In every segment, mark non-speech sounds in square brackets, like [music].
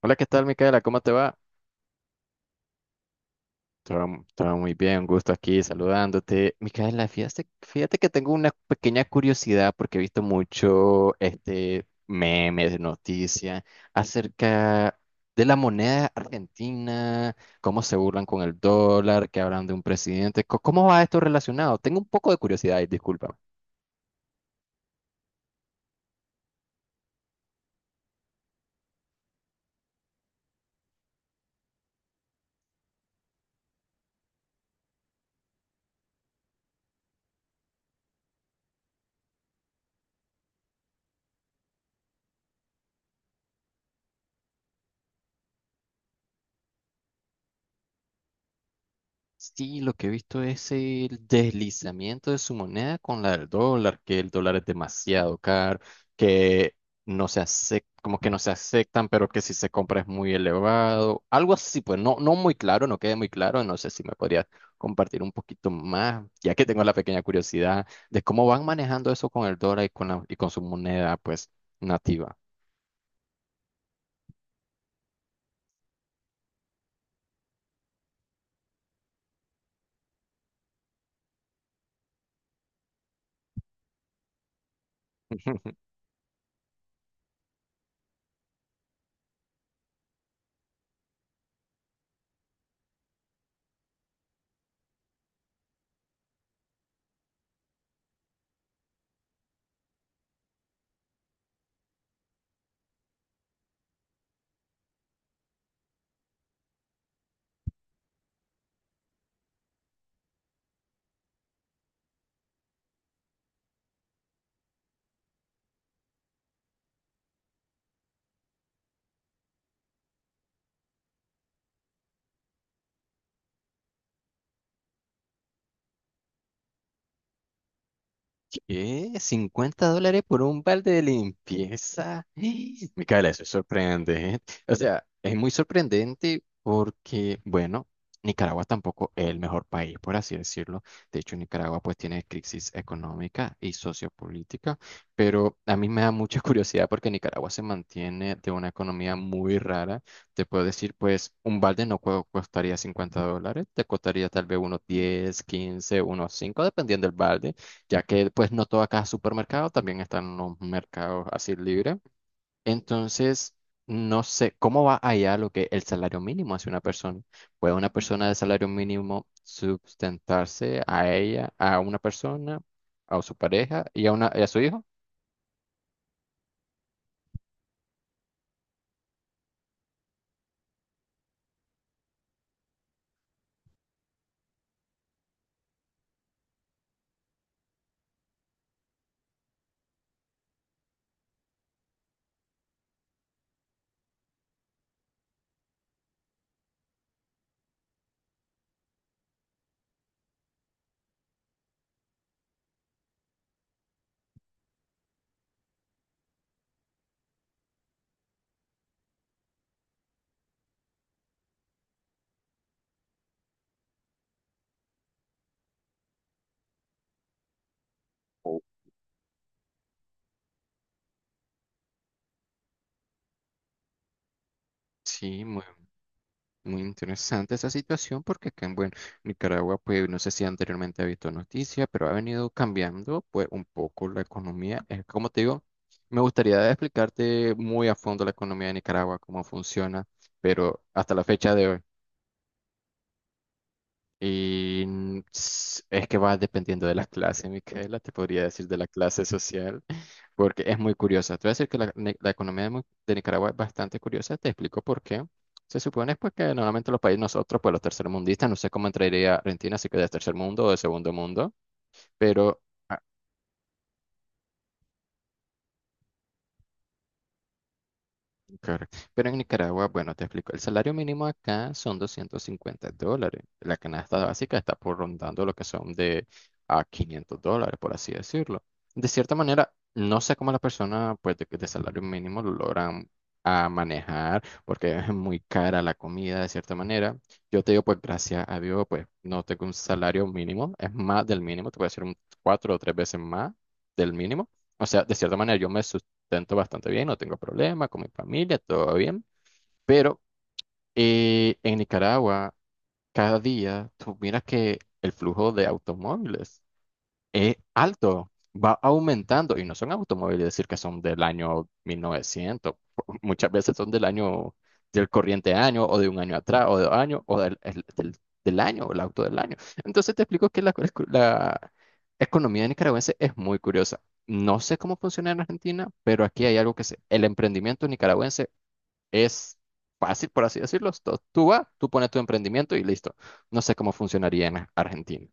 Hola, ¿qué tal, Micaela? ¿Cómo te va? Todo, todo muy bien, un gusto aquí saludándote. Micaela, fíjate que tengo una pequeña curiosidad porque he visto mucho este memes, noticias acerca de la moneda argentina, cómo se burlan con el dólar, que hablan de un presidente. ¿Cómo va esto relacionado? Tengo un poco de curiosidad y disculpa. Sí, lo que he visto es el deslizamiento de su moneda con la del dólar, que el dólar es demasiado caro, que no se acepta, como que no se aceptan, pero que si se compra es muy elevado. Algo así, pues no muy claro, no queda muy claro. No sé si me podrías compartir un poquito más, ya que tengo la pequeña curiosidad de cómo van manejando eso con el dólar y con y con su moneda, pues, nativa. [laughs] ¿Qué? ¿$50 por un balde de limpieza? [gasps] Micaela, eso es sorprendente. O sea, es muy sorprendente porque, bueno, Nicaragua tampoco es el mejor país, por así decirlo. De hecho, Nicaragua pues tiene crisis económica y sociopolítica, pero a mí me da mucha [laughs] curiosidad porque Nicaragua se mantiene de una economía muy rara. Te puedo decir, pues, un balde no cu- costaría $50, te costaría tal vez unos 10, 15, unos 5, dependiendo del balde, ya que pues no todo acá es supermercado, también están los mercados así libres. Entonces, no sé cómo va allá lo que el salario mínimo hace una persona. ¿Puede una persona de salario mínimo sustentarse a ella, a una persona, a su pareja y a su hijo? O- Sí. Muy interesante esa situación porque acá en, bueno, Nicaragua, pues no sé si anteriormente ha visto noticias, pero ha venido cambiando pues un poco la economía. Es como te digo, me gustaría explicarte muy a fondo la economía de Nicaragua, cómo funciona, pero hasta la fecha de hoy. Es que va dependiendo de la clase, Micaela, te podría decir de la clase social, [laughs] porque es muy curiosa. Te voy a decir que la economía de, de Nicaragua es bastante curiosa, te explico por qué. Se supone, pues, que normalmente los países nosotros, pues los tercermundistas, no sé cómo entraría Argentina, si que de tercer mundo o de segundo mundo, pero ah, correcto. Pero en Nicaragua, bueno, te explico, el salario mínimo acá son $250. La canasta básica está por rondando lo que son de a $500, por así decirlo. De cierta manera, no sé cómo las personas, pues, de salario mínimo lo logran a manejar, porque es muy cara la comida, de cierta manera. Yo te digo, pues, gracias a Dios, pues no tengo un salario mínimo, es más del mínimo, te voy a decir un cuatro o tres veces más del mínimo. O sea, de cierta manera, tanto bastante bien, no tengo problemas con mi familia, todo bien. Pero en Nicaragua, cada día tú miras que el flujo de automóviles es alto, va aumentando y no son automóviles, decir que son del año 1900, [laughs] muchas veces son del año, del corriente año o de un año atrás o de dos años o del año o el auto del año. Entonces te explico que la economía nicaragüense es muy curiosa. No sé cómo funciona en Argentina, pero aquí hay algo el emprendimiento nicaragüense es fácil, por así decirlo. Tú vas, tú pones tu emprendimiento y listo. No sé cómo funcionaría en Argentina.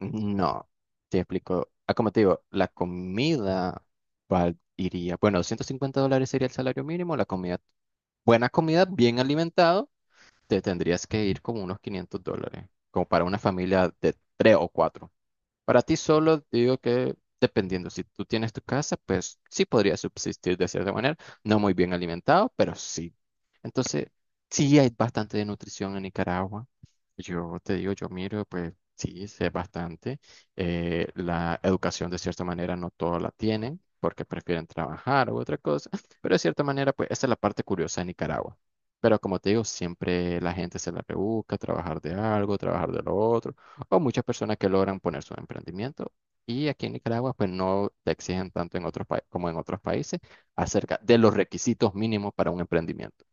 No, te explico. Como te digo, la comida iría, bueno, $150 sería el salario mínimo, la comida, buena comida, bien alimentado, te tendrías que ir como unos $500, como para una familia de tres o cuatro. Para ti solo, digo que dependiendo, si tú tienes tu casa, pues sí podría subsistir de cierta manera, no muy bien alimentado, pero sí. Entonces, sí hay bastante de nutrición en Nicaragua. Yo te digo, yo miro, pues sí, sé bastante. La educación de cierta manera no todos la tienen porque prefieren trabajar u otra cosa, [laughs] pero de cierta manera, pues esa es la parte curiosa de Nicaragua. Pero como te digo, siempre la gente se la rebusca, trabajar de algo, trabajar de lo otro, o muchas personas que logran poner su emprendimiento. Y aquí en Nicaragua, pues no te exigen tanto en otros como en otros países acerca de los requisitos mínimos para un emprendimiento.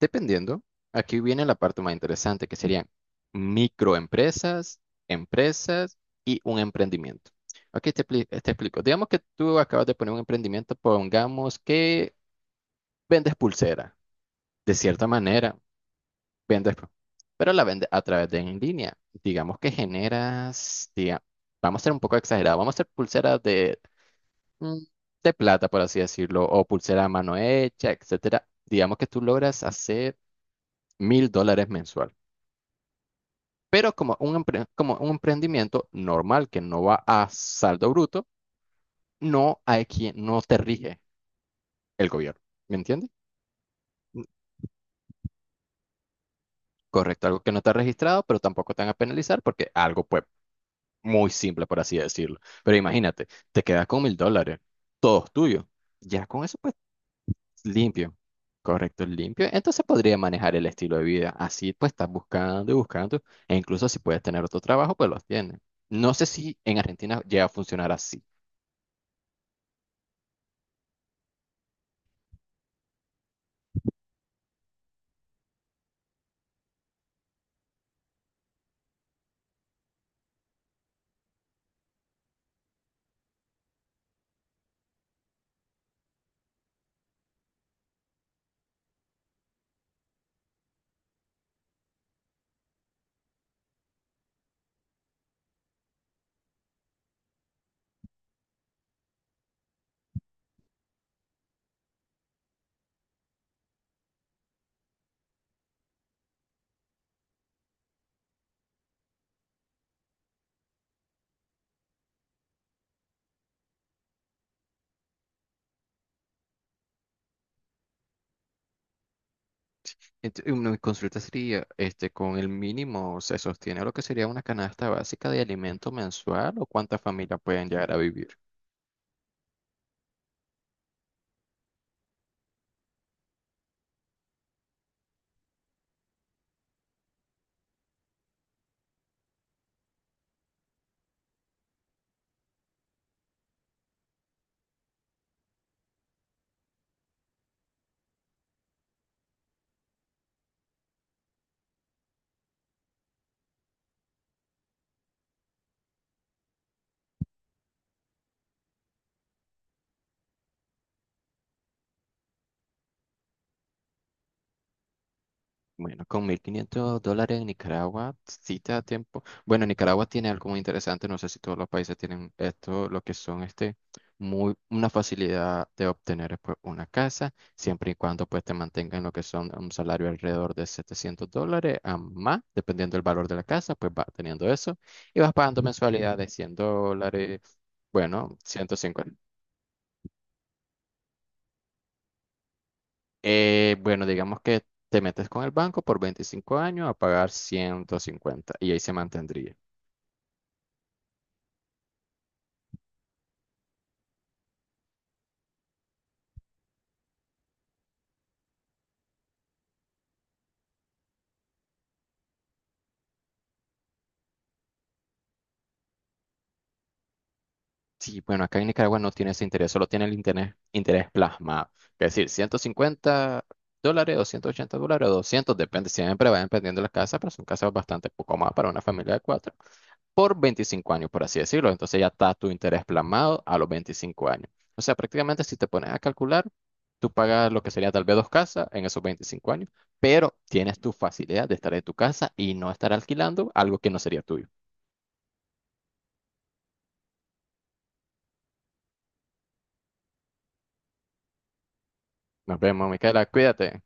Dependiendo, aquí viene la parte más interesante, que serían microempresas, empresas y un emprendimiento. Aquí te, te explico. Digamos que tú acabas de poner un emprendimiento, pongamos que vendes pulsera. De cierta manera, vendes, pro- pero la vendes a través de en línea. Digamos que generas, vamos a ser un poco exagerados, vamos a hacer pulseras de, mm, de plata, por así decirlo, o pulsera a mano hecha, etcétera. Digamos que tú logras hacer $1,000 mensual. Pero como un, como un emprendimiento normal que no va a saldo bruto, no hay quien, no te rige el gobierno. ¿Me entiendes? Mm, Correcto, algo que no está registrado, pero tampoco te van a penalizar porque algo, pues, muy simple, por así decirlo. Pero imagínate, te quedas con $1,000, todos tuyos. Ya con eso, pues, limpio. Correcto, limpio. Entonces podría manejar el estilo de vida. Así pues estás buscando y buscando. E incluso si puedes tener otro trabajo, pues los tienes. No sé si en Argentina llega a funcionar así. Entonces, una consulta sería, este, con el mínimo se sostiene lo que sería una canasta básica de alimento mensual o cuántas familias pueden llegar a vivir. Bueno, con $1,500 en Nicaragua, sí te da tiempo. Bueno, Nicaragua tiene algo muy interesante, no sé si todos los países tienen esto, lo que son, este, muy, una facilidad de obtener, pues, una casa, siempre y cuando pues te mantengan lo que son un salario alrededor de $700 a más, dependiendo del valor de la casa, pues vas teniendo eso y vas pagando mensualidades de $100, bueno, 150. Bueno, digamos que te metes con el banco por 25 años a pagar 150 y ahí se mantendría. Sí, bueno, acá en Nicaragua no tiene ese interés, solo tiene el interés, interés plasmado. Es decir, $150 o $180 o 200, depende, siempre va dependiendo de las casas, pero son casas bastante poco más para una familia de cuatro, por 25 años, por así decirlo. Entonces ya está tu interés plasmado a los 25 años. O sea, prácticamente si te pones a calcular, tú pagas lo que sería tal vez dos casas en esos 25 años, pero tienes tu facilidad de estar en tu casa y no estar alquilando algo que no sería tuyo. Nos vemos, Micaela, cuídate.